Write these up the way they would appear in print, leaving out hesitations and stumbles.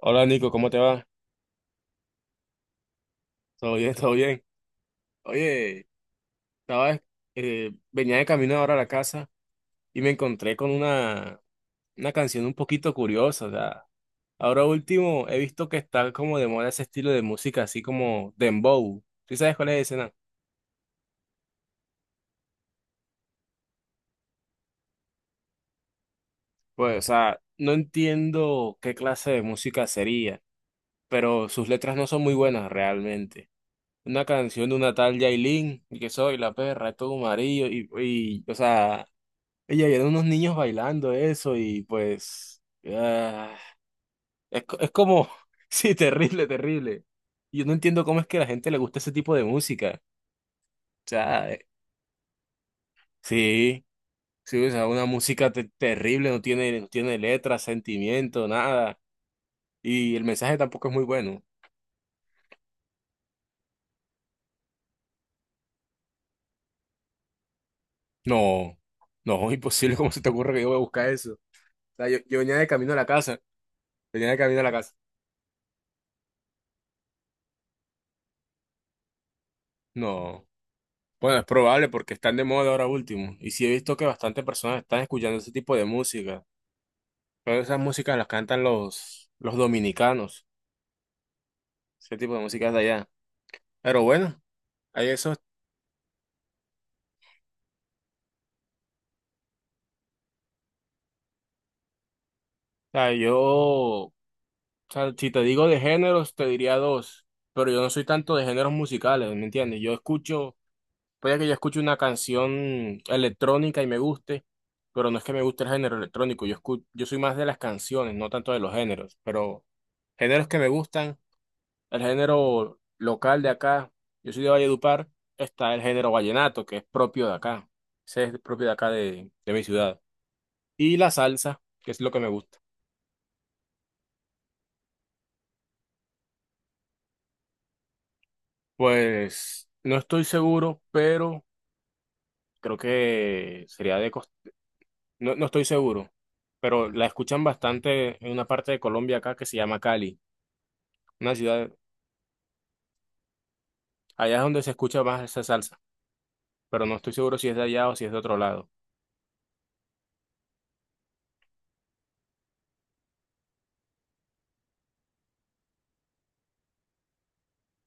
Hola Nico, ¿cómo te va? ¿Todo bien? ¿Todo bien? Oye, estaba, venía de camino ahora a la casa y me encontré con una canción un poquito curiosa. O sea, ahora último he visto que está como de moda ese estilo de música, así como dembow. ¿Sí sabes cuál es ese, no? Pues, o sea, no entiendo qué clase de música sería, pero sus letras no son muy buenas realmente. Una canción de una tal Yailin, y que soy la perra, es todo amarillo, y o sea, y ahí eran unos niños bailando eso y pues ah, es como, sí, terrible, terrible. Yo no entiendo cómo es que a la gente le gusta ese tipo de música. O sea, sí, sí, o sea, una música terrible, no tiene letra, sentimiento, nada. Y el mensaje tampoco es muy bueno. No, no, imposible, ¿cómo se te ocurre que yo voy a buscar eso? O sea, yo venía de camino a la casa, venía de camino a la casa. No. Bueno, es probable porque están de moda ahora último. Y sí he visto que bastantes personas están escuchando ese tipo de música. Pero esas músicas las cantan los dominicanos. Ese tipo de músicas de allá. Pero bueno, hay eso. O sea, si te digo de géneros, te diría dos. Pero yo no soy tanto de géneros musicales, ¿me entiendes? Yo escucho, puede que yo escuche una canción electrónica y me guste, pero no es que me guste el género electrónico. Yo soy más de las canciones, no tanto de los géneros. Pero géneros que me gustan. El género local de acá, yo soy de Valledupar, está el género vallenato, que es propio de acá. Ese es propio de acá de mi ciudad. Y la salsa, que es lo que me gusta. Pues no estoy seguro, pero creo que sería de Costa. No, no estoy seguro, pero la escuchan bastante en una parte de Colombia acá que se llama Cali, una ciudad, allá es donde se escucha más esa salsa, pero no estoy seguro si es de allá o si es de otro lado.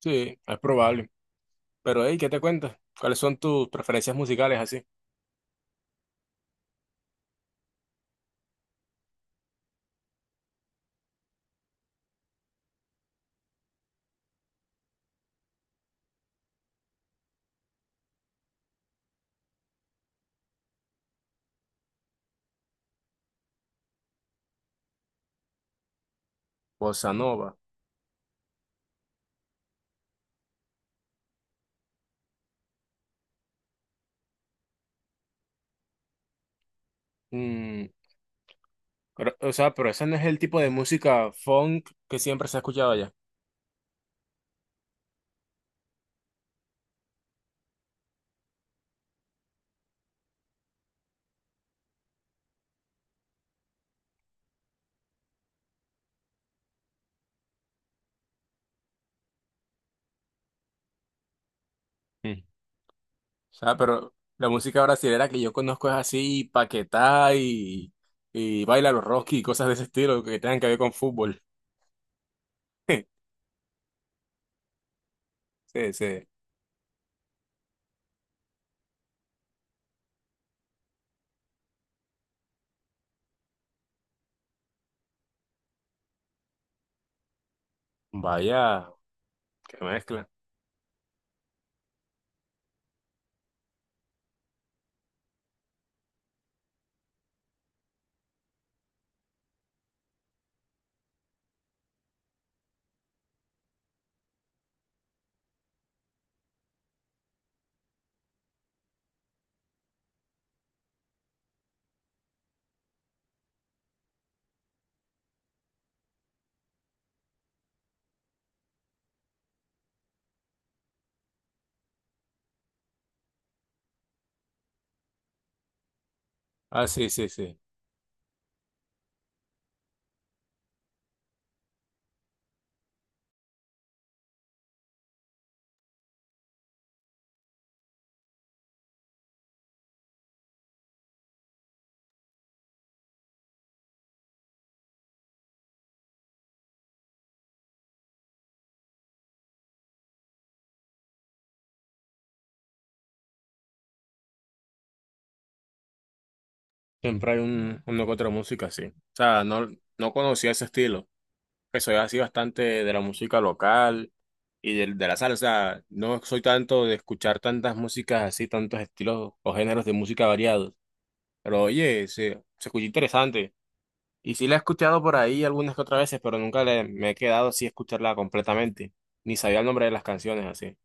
Sí, es probable. Pero, hey, ¿qué te cuentas? ¿Cuáles son tus preferencias musicales así? Bossa nova. Mm, pero, o sea, pero ese no es el tipo de música funk que siempre se ha escuchado allá. Mm. O sea, pero la música brasilera que yo conozco es así, Paquetá y Baila los Rocky y cosas de ese estilo que tengan que ver con fútbol. Sí, sí. Vaya, qué mezcla. Ah, sí, sí, sí. Siempre hay uno que otro música así. O sea, no, no conocía ese estilo. Que soy así bastante de la música local. Y de la sala. O sea, no soy tanto de escuchar tantas músicas así, tantos estilos o géneros de música variados. Pero oye, se escucha interesante. Y sí la he escuchado por ahí algunas que otras veces, pero nunca me he quedado así a escucharla completamente. Ni sabía el nombre de las canciones así. O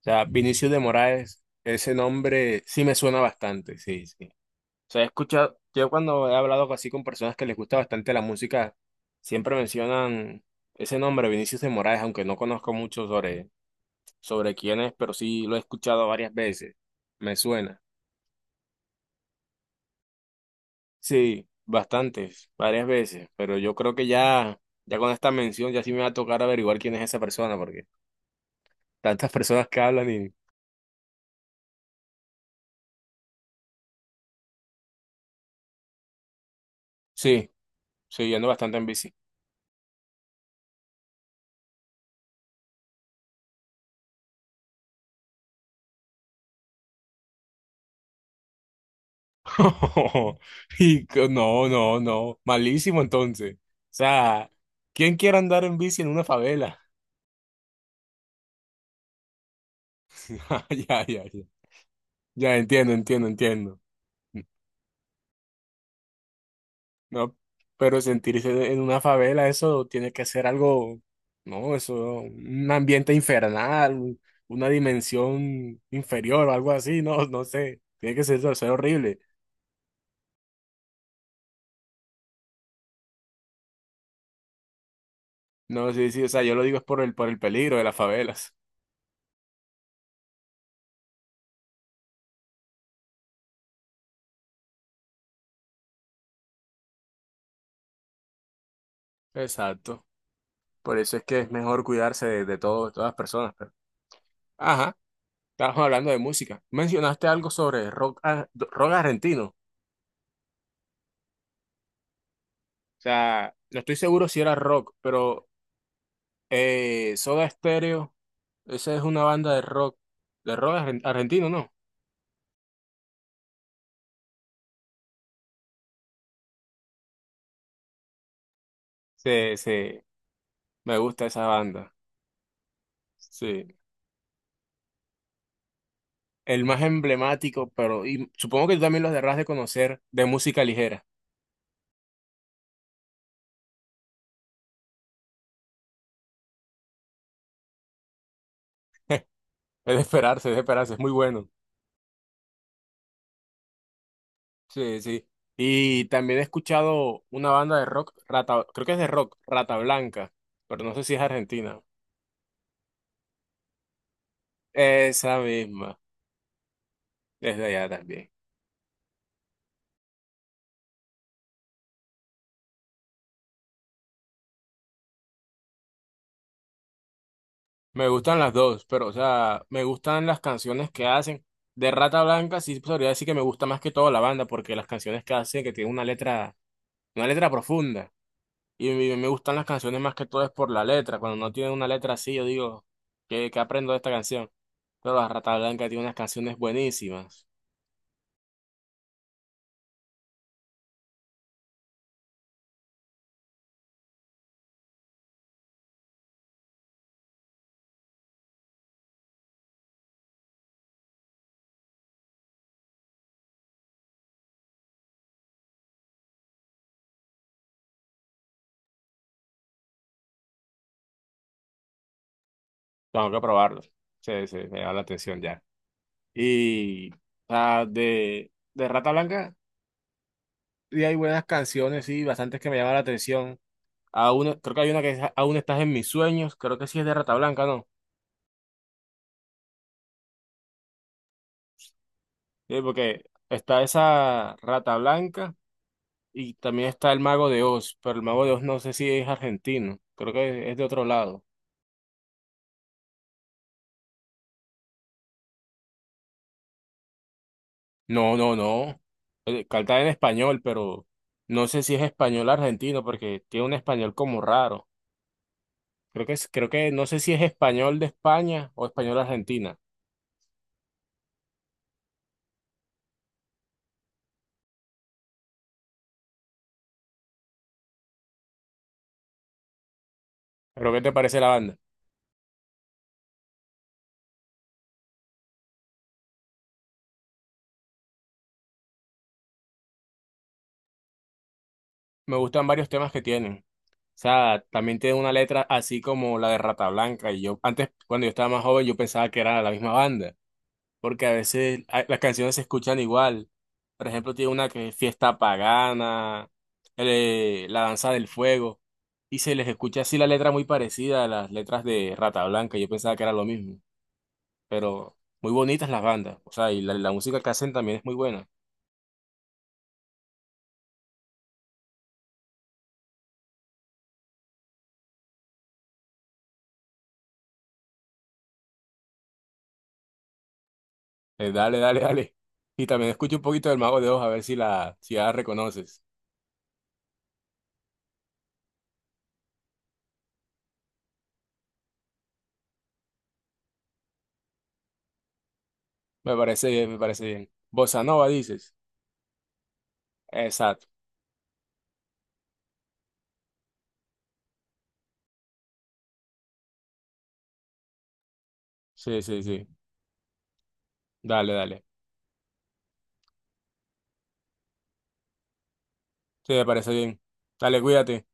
sea, Vinicius de Moraes, ese nombre sí me suena bastante, sí, sí. O sea, he escuchado, yo cuando he hablado así con personas que les gusta bastante la música, siempre mencionan ese nombre, Vinicius de Moraes, aunque no conozco mucho sobre sobre quién es, pero sí lo he escuchado varias veces. Me suena. Sí, bastantes, varias veces, pero yo creo que ya, ya con esta mención ya sí me va a tocar averiguar quién es esa persona, porque tantas personas que hablan y... Sí, sí, yo ando bastante en bici. Y co- no, no, no, malísimo entonces. O sea, ¿quién quiere andar en bici en una favela? Ya, ya, ya. Ya entiendo, entiendo, entiendo. No, pero sentirse en una favela, eso tiene que ser algo, no, eso, un ambiente infernal, una dimensión inferior o algo así, no, no sé, tiene que ser horrible. No, sí, sí, o sea, yo lo digo es por por el peligro de las favelas. Exacto. Por eso es que es mejor cuidarse de de todas las personas. Pero... Ajá, estábamos hablando de música. Mencionaste algo sobre rock, ah, rock argentino. O sea, no estoy seguro si era rock, pero Soda Stereo, esa es una banda de rock, de argentino, ¿no? Sí, sí, me gusta esa banda. Sí. El más emblemático, pero y supongo que tú también lo deberás de conocer, de música ligera. Es de esperarse, es de esperarse, es muy bueno. Sí, sí. Y también he escuchado una banda de rock, Rata, creo que es de rock, Rata Blanca, pero no sé si es argentina. Esa misma, es de allá también. Me gustan las dos, pero o sea, me gustan las canciones que hacen. De Rata Blanca sí podría decir que me gusta más que todo la banda, porque las canciones que hacen que tienen una letra profunda. Y me gustan las canciones más que todo es por la letra. Cuando no tienen una letra así, yo digo, qué aprendo de esta canción? Pero la Rata Blanca tiene unas canciones buenísimas. Tengo que probarlas. Se me da la atención ya. Y o sea, de Rata Blanca sí hay buenas canciones, sí, bastantes que me llaman la atención. Creo que hay una que es Aún estás en mis sueños, creo que sí es de Rata Blanca, ¿no? Sí, porque está esa Rata Blanca y también está el Mago de Oz, pero el Mago de Oz no sé si es argentino, creo que es de otro lado. No, no, no. Canta en español, pero no sé si es español argentino porque tiene un español como raro. Creo que es, creo que no sé si es español de España o español argentina. Pero ¿qué te parece la banda? Me gustan varios temas que tienen. O sea, también tiene una letra así como la de Rata Blanca. Y yo, antes, cuando yo estaba más joven, yo pensaba que era la misma banda. Porque a veces las canciones se escuchan igual. Por ejemplo, tiene una que es Fiesta Pagana, La Danza del Fuego. Y se les escucha así la letra muy parecida a las letras de Rata Blanca. Yo pensaba que era lo mismo. Pero muy bonitas las bandas. O sea, y la música que hacen también es muy buena. Dale, dale, dale. Y también escucha un poquito del Mago de Oz a ver si si ya la reconoces. Me parece bien, me parece bien. Bossa Nova dices. Exacto. Sí, sí, sí. Dale, dale. Sí, me parece bien. Dale, cuídate.